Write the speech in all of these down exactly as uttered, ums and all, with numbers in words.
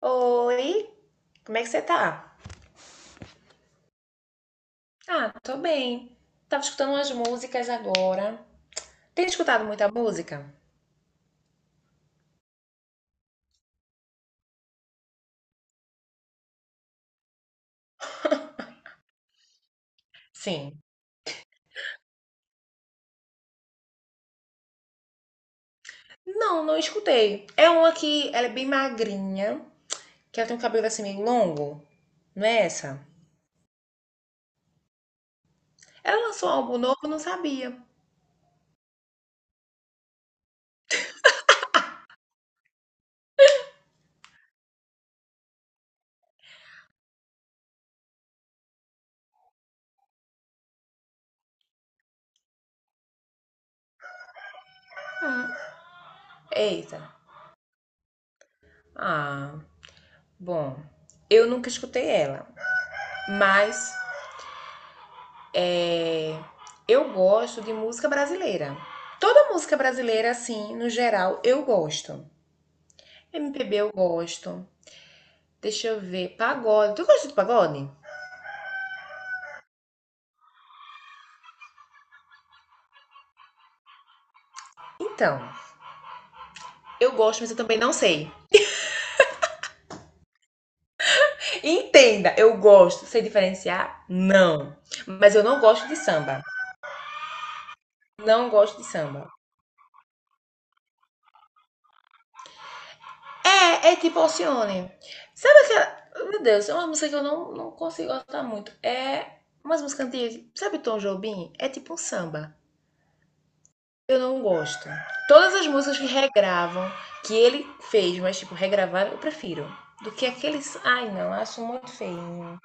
Oi, como é que você tá? Ah, tô bem. Tava escutando umas músicas agora. Tem escutado muita música? Sim. Não, não escutei. É uma que ela é bem magrinha, que ela tem um cabelo assim meio longo. Não é essa? Ela lançou um álbum novo, eu não sabia. Eita. Ah, bom. Eu nunca escutei ela, mas é, eu gosto de música brasileira. Toda música brasileira, assim, no geral, eu gosto. M P B eu gosto. Deixa eu ver. Pagode. Tu gosta de pagode? Então, eu gosto, mas eu também não sei. Entenda, eu gosto. Sei diferenciar? Não. Mas eu não gosto de samba. Não gosto de samba. É, é tipo Alcione. Sabe aquela. Meu Deus, é uma música que eu não, não consigo gostar muito. É umas músicas antigas. Sabe Tom Jobim? É tipo um samba. Eu não gosto. Todas as músicas que regravam, que ele fez, mas tipo, regravaram, eu prefiro. Do que aqueles. Ai, não, acho muito feio.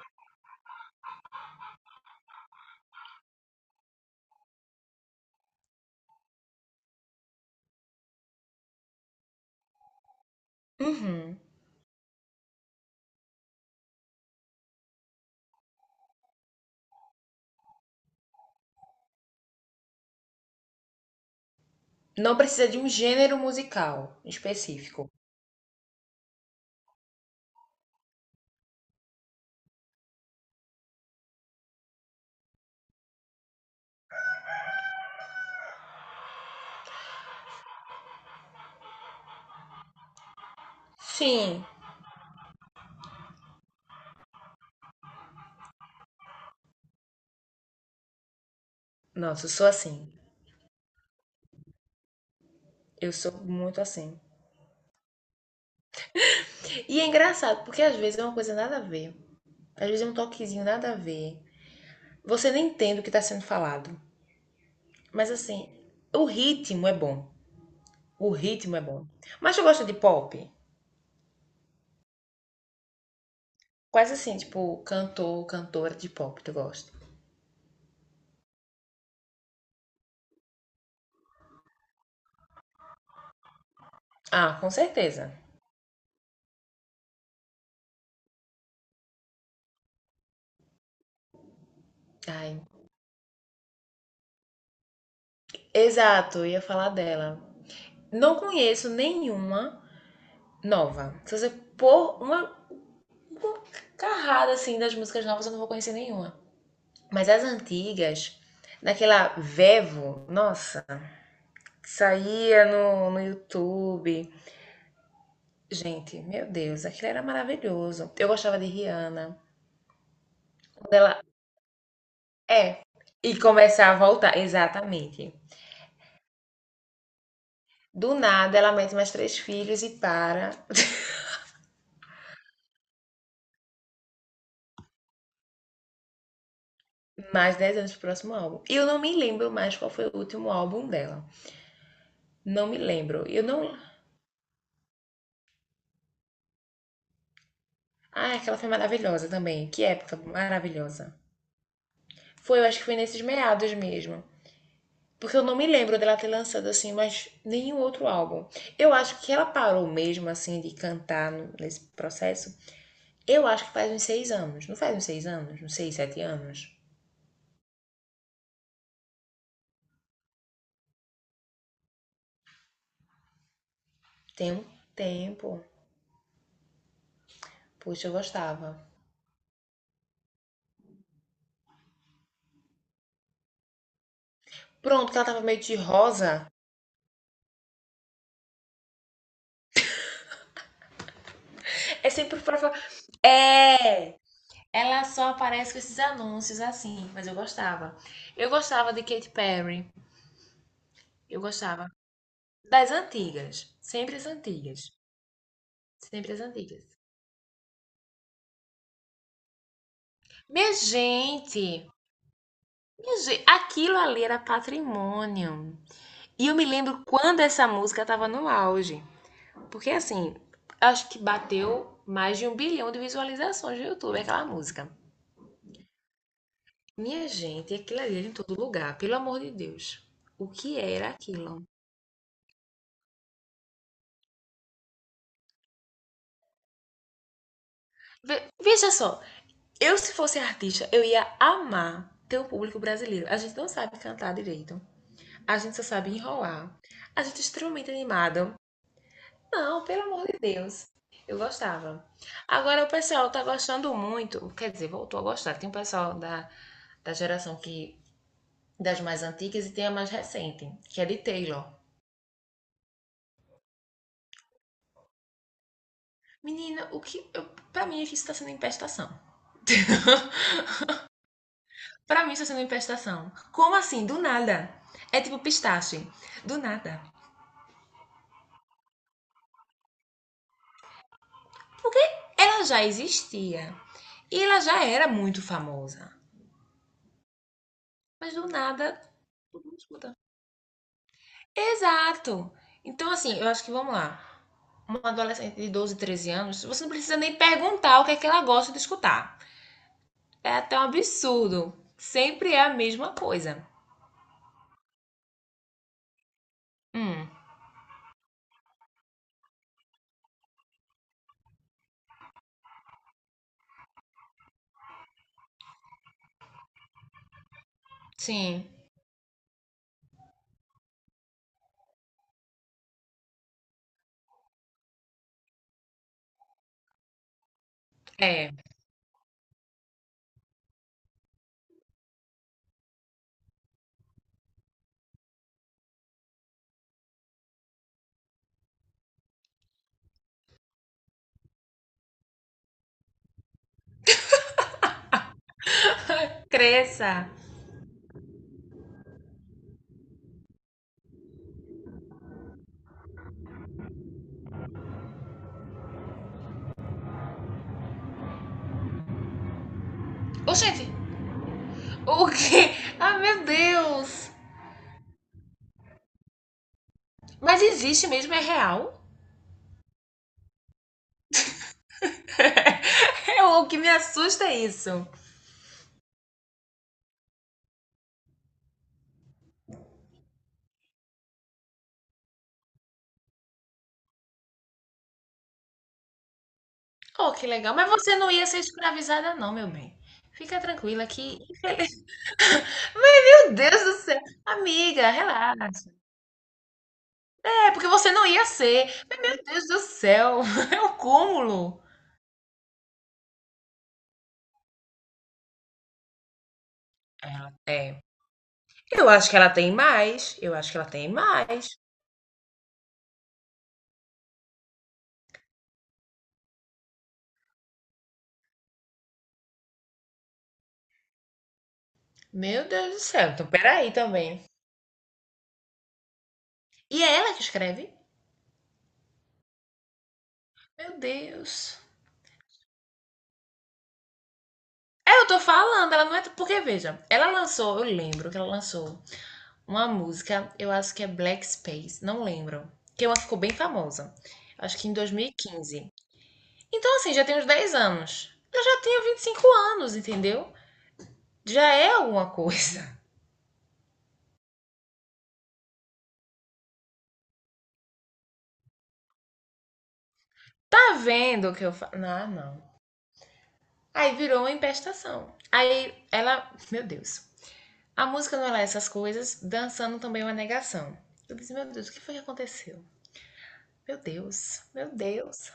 Uhum. Não precisa de um gênero musical específico. Sim. Nossa, eu sou assim. Eu sou muito assim. E é engraçado, porque às vezes é uma coisa nada a ver. Às vezes é um toquezinho nada a ver. Você nem entende o que tá sendo falado. Mas assim, o ritmo é bom. O ritmo é bom. Mas eu gosto de pop. Quais assim, tipo, cantor, cantora de pop tu gosta? Ah, com certeza. Ai, exato, eu ia falar dela. Não conheço nenhuma nova. Se você pôr uma, uma carrada assim das músicas novas, eu não vou conhecer nenhuma. Mas as antigas, naquela Vevo, nossa, que saía no, no YouTube. Gente, meu Deus, aquilo era maravilhoso. Eu gostava de Rihanna. Quando ela. É. E começar a voltar, exatamente. Do nada, ela mete mais três filhos e para mais dez anos pro próximo álbum. E eu não me lembro mais qual foi o último álbum dela. Não me lembro. Eu não. Ah, aquela foi maravilhosa também. Que época maravilhosa. Foi, eu acho que foi nesses meados mesmo. Porque eu não me lembro dela ter lançado assim, mas nenhum outro álbum. Eu acho que ela parou mesmo assim de cantar nesse processo. Eu acho que faz uns seis anos. Não faz uns seis anos? Uns seis, sete anos? Tem um tempo. Puxa, eu gostava. Pronto, que ela tava meio de rosa. É sempre pra falar. É! Ela só aparece com esses anúncios assim, mas eu gostava. Eu gostava de Katy Perry. Eu gostava. Das antigas. Sempre as antigas. Sempre as antigas. Minha gente, minha gente, aquilo ali era patrimônio. E eu me lembro quando essa música tava no auge. Porque assim, acho que bateu mais de um bilhão de visualizações no YouTube, aquela música. Minha gente, aquilo ali era em todo lugar, pelo amor de Deus. O que era aquilo? Ve- veja só, eu se fosse artista, eu ia amar ter o público brasileiro. A gente não sabe cantar direito, a gente só sabe enrolar. A gente é extremamente animado. Não, pelo amor de Deus. Eu gostava. Agora o pessoal tá gostando muito, quer dizer, voltou a gostar. Tem um pessoal da, da geração que das mais antigas e tem a mais recente, que é de Taylor. Menina, o que. Eu, pra mim, isso tá sendo empestação. Pra mim, isso tá sendo empestação. Como assim? Do nada. É tipo pistache. Do nada. Porque ela já existia. E ela já era muito famosa. Mas do nada, todo mundo escuta. Exato. Então, assim, eu acho que vamos lá. Uma adolescente de doze, treze anos, você não precisa nem perguntar o que é que ela gosta de escutar. É até um absurdo. Sempre é a mesma coisa. Hum, sim. É. Cresça. Ô, gente, o que? Ah, meu Deus. Mas existe mesmo? É real? É, o que me assusta é isso. Oh, que legal. Mas você não ia ser escravizada, não, meu bem. Fica tranquila que. Meu Deus do céu! Amiga, relaxa. É, porque você não ia ser. Mas, meu Deus do céu! É um cúmulo. Ela tem. Eu acho que ela tem mais. Eu acho que ela tem mais. Meu Deus do céu. Então, peraí também. E é ela que escreve? Meu Deus. É, eu tô falando, ela não é. Porque, veja, ela lançou, eu lembro que ela lançou uma música, eu acho que é Black Space, não lembro. Que é uma que ficou bem famosa. Acho que em dois mil e quinze. Então, assim, já tem uns dez anos. Eu já tenho 25 anos, entendeu? Já é alguma coisa. Tá vendo o que eu falo? Ah, não. Aí virou uma empestação. Aí ela. Meu Deus. A música não é lá essas coisas, dançando também é uma negação. Eu disse, meu Deus, o que foi que aconteceu? Meu Deus, meu Deus.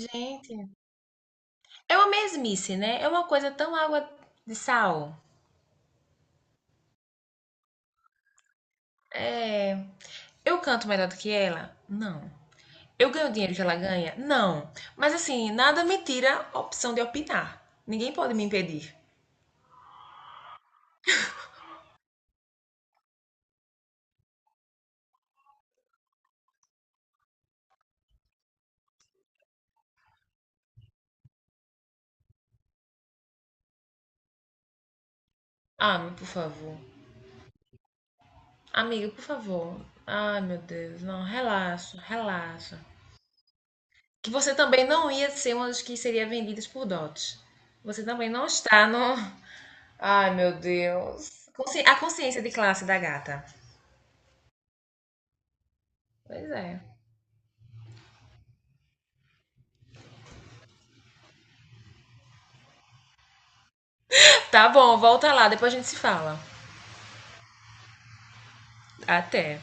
Gente, é uma mesmice, né? É uma coisa tão água de sal. É, eu canto melhor do que ela? Não. Eu ganho o dinheiro que ela ganha? Não. Mas assim, nada me tira a opção de opinar. Ninguém pode me impedir. Ah, mas por favor. Amiga, por favor. Ai, meu Deus. Não, relaxa, relaxa. Que você também não ia ser uma das que seria vendidas por dotes. Você também não está no. Ai, meu Deus. Consci- A consciência de classe da gata. Pois é. Tá bom, volta lá, depois a gente se fala. Até.